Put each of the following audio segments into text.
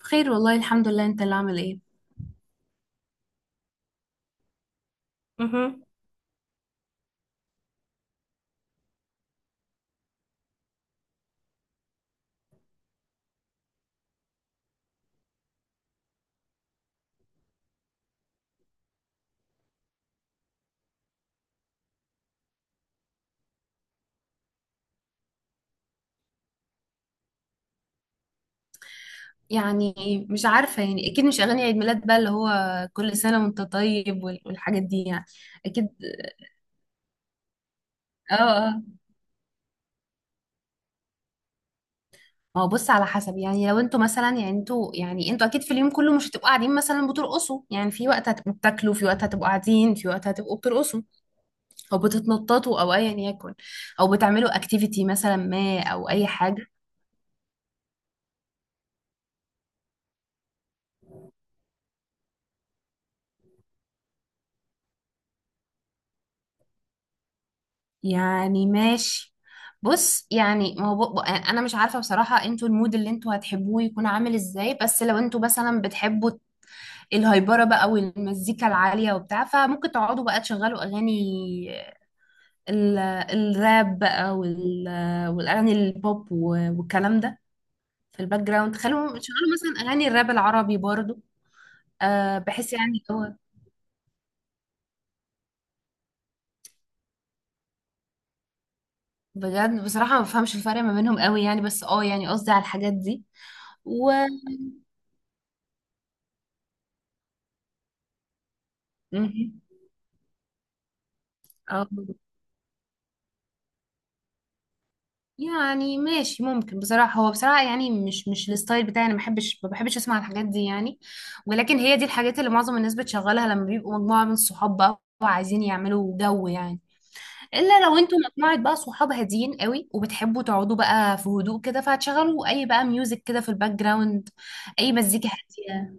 بخير، والله الحمد لله. انت اللي عامل ايه؟ يعني مش عارفة، يعني اكيد مش اغاني عيد ميلاد بقى اللي هو كل سنة وانت طيب والحاجات دي يعني. اكيد. اه، اه. ما هو بص، على حسب. يعني لو انتوا مثلا يعني انتوا يعني انتوا اكيد في اليوم كله مش هتبقوا قاعدين مثلا بترقصوا. يعني في وقت هتبقوا بتاكلوا، في وقت هتبقوا قاعدين، في وقت هتبقوا بترقصوا او بتتنططوا او ايا يكن، او بتعملوا اكتيفيتي مثلا، ما او اي حاجة. يعني ماشي. بص، يعني ما هو انا مش عارفه بصراحه انتوا المود اللي انتوا هتحبوه يكون عامل ازاي، بس لو انتوا مثلا بتحبوا الهايبره بقى والمزيكا العاليه وبتاع، فممكن تقعدوا بقى تشغلوا اغاني الراب بقى والاغاني البوب والكلام ده في الباك جراوند. خلوا تشغلوا مثلا اغاني الراب العربي برضو. أه، بحس يعني هو. بجد بصراحه ما بفهمش الفرق ما بينهم قوي يعني، بس اه يعني قصدي على الحاجات دي. و مهم. اه، يعني ماشي ممكن بصراحة. هو بصراحة يعني مش الستايل بتاعي أنا، ما بحبش أسمع الحاجات دي يعني. ولكن هي دي الحاجات اللي معظم الناس بتشغلها لما بيبقوا مجموعة من الصحاب بقى وعايزين يعملوا جو يعني. إلا لو أنتوا مجموعة بقى صحاب هاديين قوي وبتحبوا تقعدوا بقى في هدوء كده، فهتشغلوا أي بقى ميوزك كده في الباك جراوند، أي مزيكا هادية.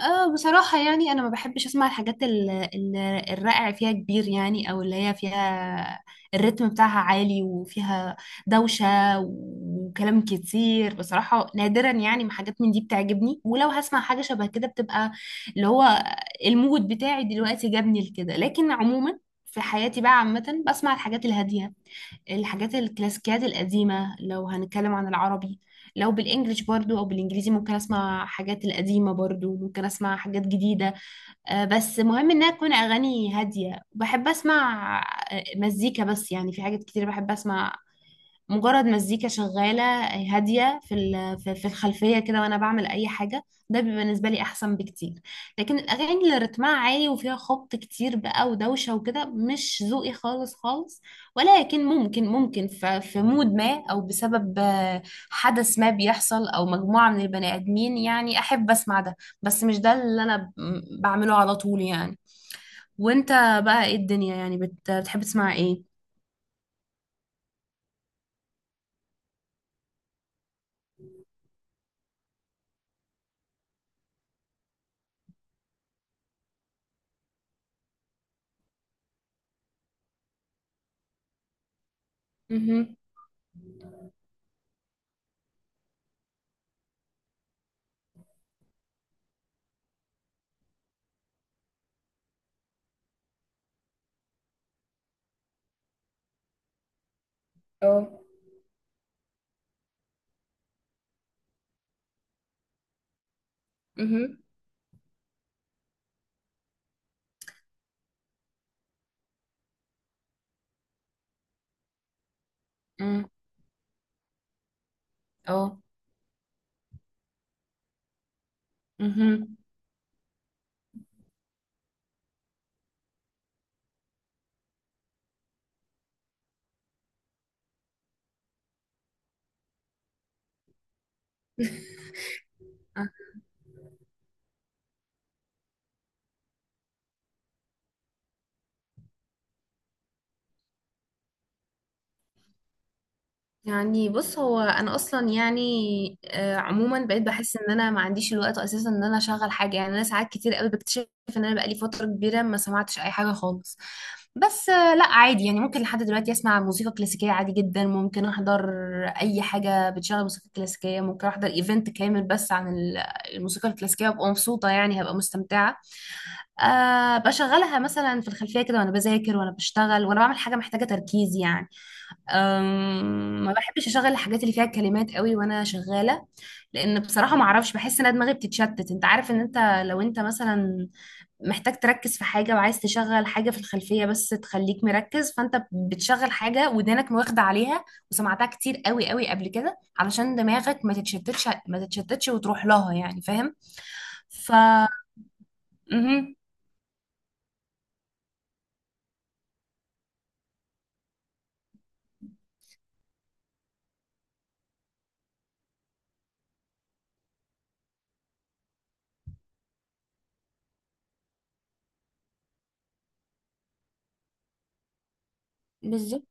اه، بصراحة يعني أنا ما بحبش أسمع الحاجات الرائع فيها كبير يعني، أو اللي هي فيها الريتم بتاعها عالي وفيها دوشة وكلام كتير. بصراحة نادرا يعني ما حاجات من دي بتعجبني، ولو هسمع حاجة شبه كده بتبقى اللي هو المود بتاعي دلوقتي جابني لكده. لكن عموما في حياتي بقى عامة بسمع الحاجات الهادية، الحاجات الكلاسيكيات القديمة لو هنتكلم عن العربي. لو بالانجلش برضو او بالانجليزي ممكن اسمع حاجات القديمه برضو، ممكن اسمع حاجات جديده. بس مهم انها تكون اغاني هاديه بحب اسمع. مزيكا بس يعني، في حاجات كتير بحب اسمع. مجرد مزيكا شغالة هادية في ال- في في الخلفية كده وأنا بعمل أي حاجة، ده بيبقى بالنسبة لي أحسن بكتير. لكن الأغاني اللي رتمها عالي وفيها خبط كتير بقى ودوشة وكده مش ذوقي خالص خالص. ولكن ممكن في مود ما أو بسبب حدث ما بيحصل أو مجموعة من البني آدمين يعني أحب أسمع ده، بس مش ده اللي أنا بعمله على طول يعني. وأنت بقى إيه الدنيا، يعني بتحب تسمع إيه؟ مهم. اه، مهم. اه، مهم. آه. يعني بص هو انا اصلا يعني، عموما بقيت بحس ان انا ما عنديش الوقت اساسا ان انا اشغل حاجه يعني. انا ساعات كتير قوي بكتشف ان انا بقالي فتره كبيره ما سمعتش اي حاجه خالص. بس، لا عادي يعني ممكن لحد دلوقتي اسمع موسيقى كلاسيكيه عادي جدا. ممكن احضر اي حاجه بتشغل موسيقى كلاسيكيه، ممكن احضر ايفنت كامل بس عن الموسيقى الكلاسيكيه وابقى مبسوطه يعني، هبقى مستمتعه. أه، بشغلها مثلا في الخلفيه كده وانا بذاكر وانا بشتغل وانا بعمل حاجه محتاجه تركيز يعني. ما بحبش اشغل الحاجات اللي فيها كلمات قوي وانا شغاله، لان بصراحه ما اعرفش، بحس ان أنا دماغي بتتشتت. انت عارف ان انت لو انت مثلا محتاج تركز في حاجه وعايز تشغل حاجه في الخلفيه بس تخليك مركز، فانت بتشغل حاجه ودانك واخده عليها وسمعتها كتير قوي قوي قبل كده، علشان دماغك ما تتشتتش وتروح لها يعني، فاهم؟ ف مهم. بالظبط.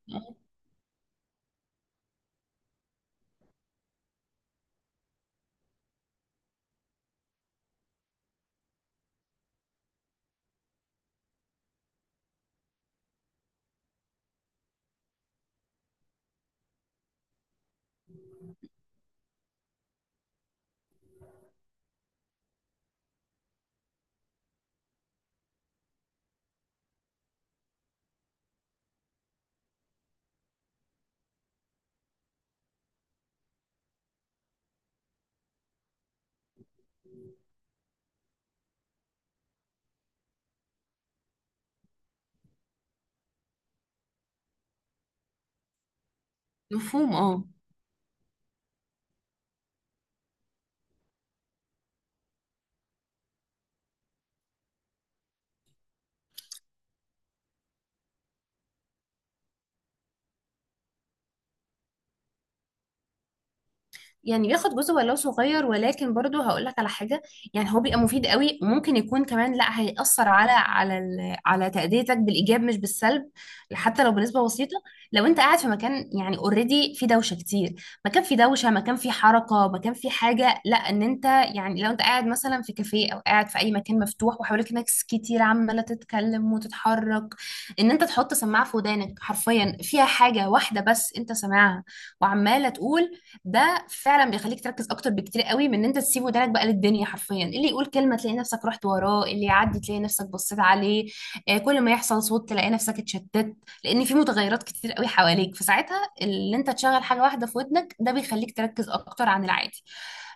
مفهوم اه. يعني بياخد جزء ولو صغير، ولكن برضو هقول لك على حاجة. يعني هو بيبقى مفيد قوي، ممكن يكون كمان لا، هيأثر على تأديتك بالإيجاب مش بالسلب، حتى لو بنسبة بسيطة. لو أنت قاعد في مكان يعني اوريدي في دوشة كتير، مكان في دوشة، مكان في حركة، مكان في حاجة، لا إن أنت يعني لو أنت قاعد مثلا في كافيه أو قاعد في أي مكان مفتوح وحواليك ناس كتير عمالة تتكلم وتتحرك، إن أنت تحط سماعة في ودانك حرفيا فيها حاجة واحدة بس أنت سامعها وعمالة تقول، ده فعلا بيخليك تركز اكتر بكتير قوي من ان انت تسيب ودانك بقى للدنيا حرفيا، اللي يقول كلمه تلاقي نفسك رحت وراه، اللي يعدي تلاقي نفسك بصيت عليه. كل ما يحصل صوت تلاقي نفسك اتشتت، لان في متغيرات كتير قوي حواليك، فساعتها اللي انت تشغل حاجه واحده في ودنك ده بيخليك تركز اكتر عن العادي.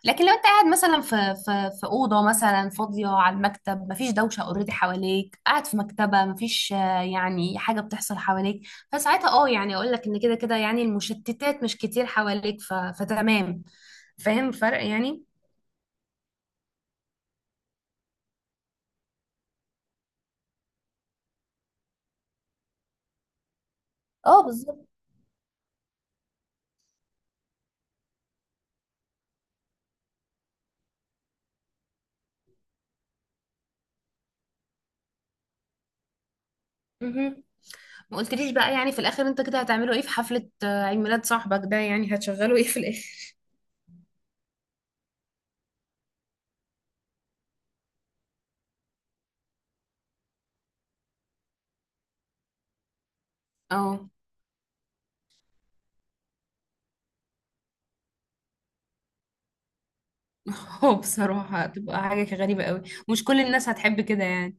لكن لو انت قاعد مثلا في اوضه مثلا فاضيه على المكتب، مفيش دوشه اوريدي حواليك، قاعد في مكتبه، مفيش يعني حاجه بتحصل حواليك، فساعتها اه يعني اقول لك ان كده كده يعني المشتتات مش كتير حواليك، فتمام. فاهم الفرق يعني؟ اه، بالظبط. مهم. ما قلتليش بقى، يعني في الاخر انت كده هتعملوا ايه في حفلة عيد ميلاد صاحبك ده، يعني هتشغلوا ايه في الاخر؟ اه. هو بصراحة هتبقى حاجة غريبة قوي. مش كل الناس هتحب كده يعني.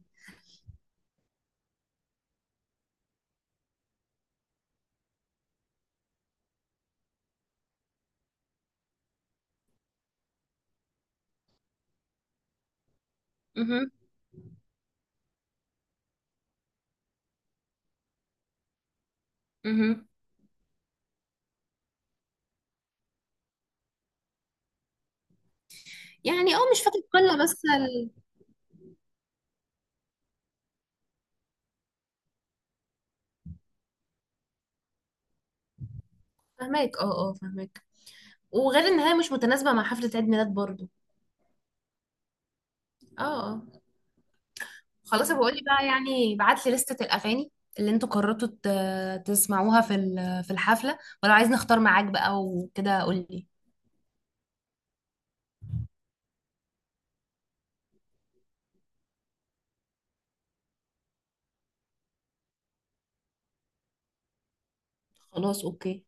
مهم. مهم. يعني اه، مش فاكرة كلها، بس فهماك اه اه فهماك. وغير ان هي مش متناسبة مع حفلة عيد ميلاد برضو. اه. اه. خلاص، بقول لي بقى يعني، بعت لي لستة الأغاني اللي انتوا قررتوا تسمعوها في الحفلة. ولو عايز نختار معاك بقى وكده قول لي. خلاص، اوكي.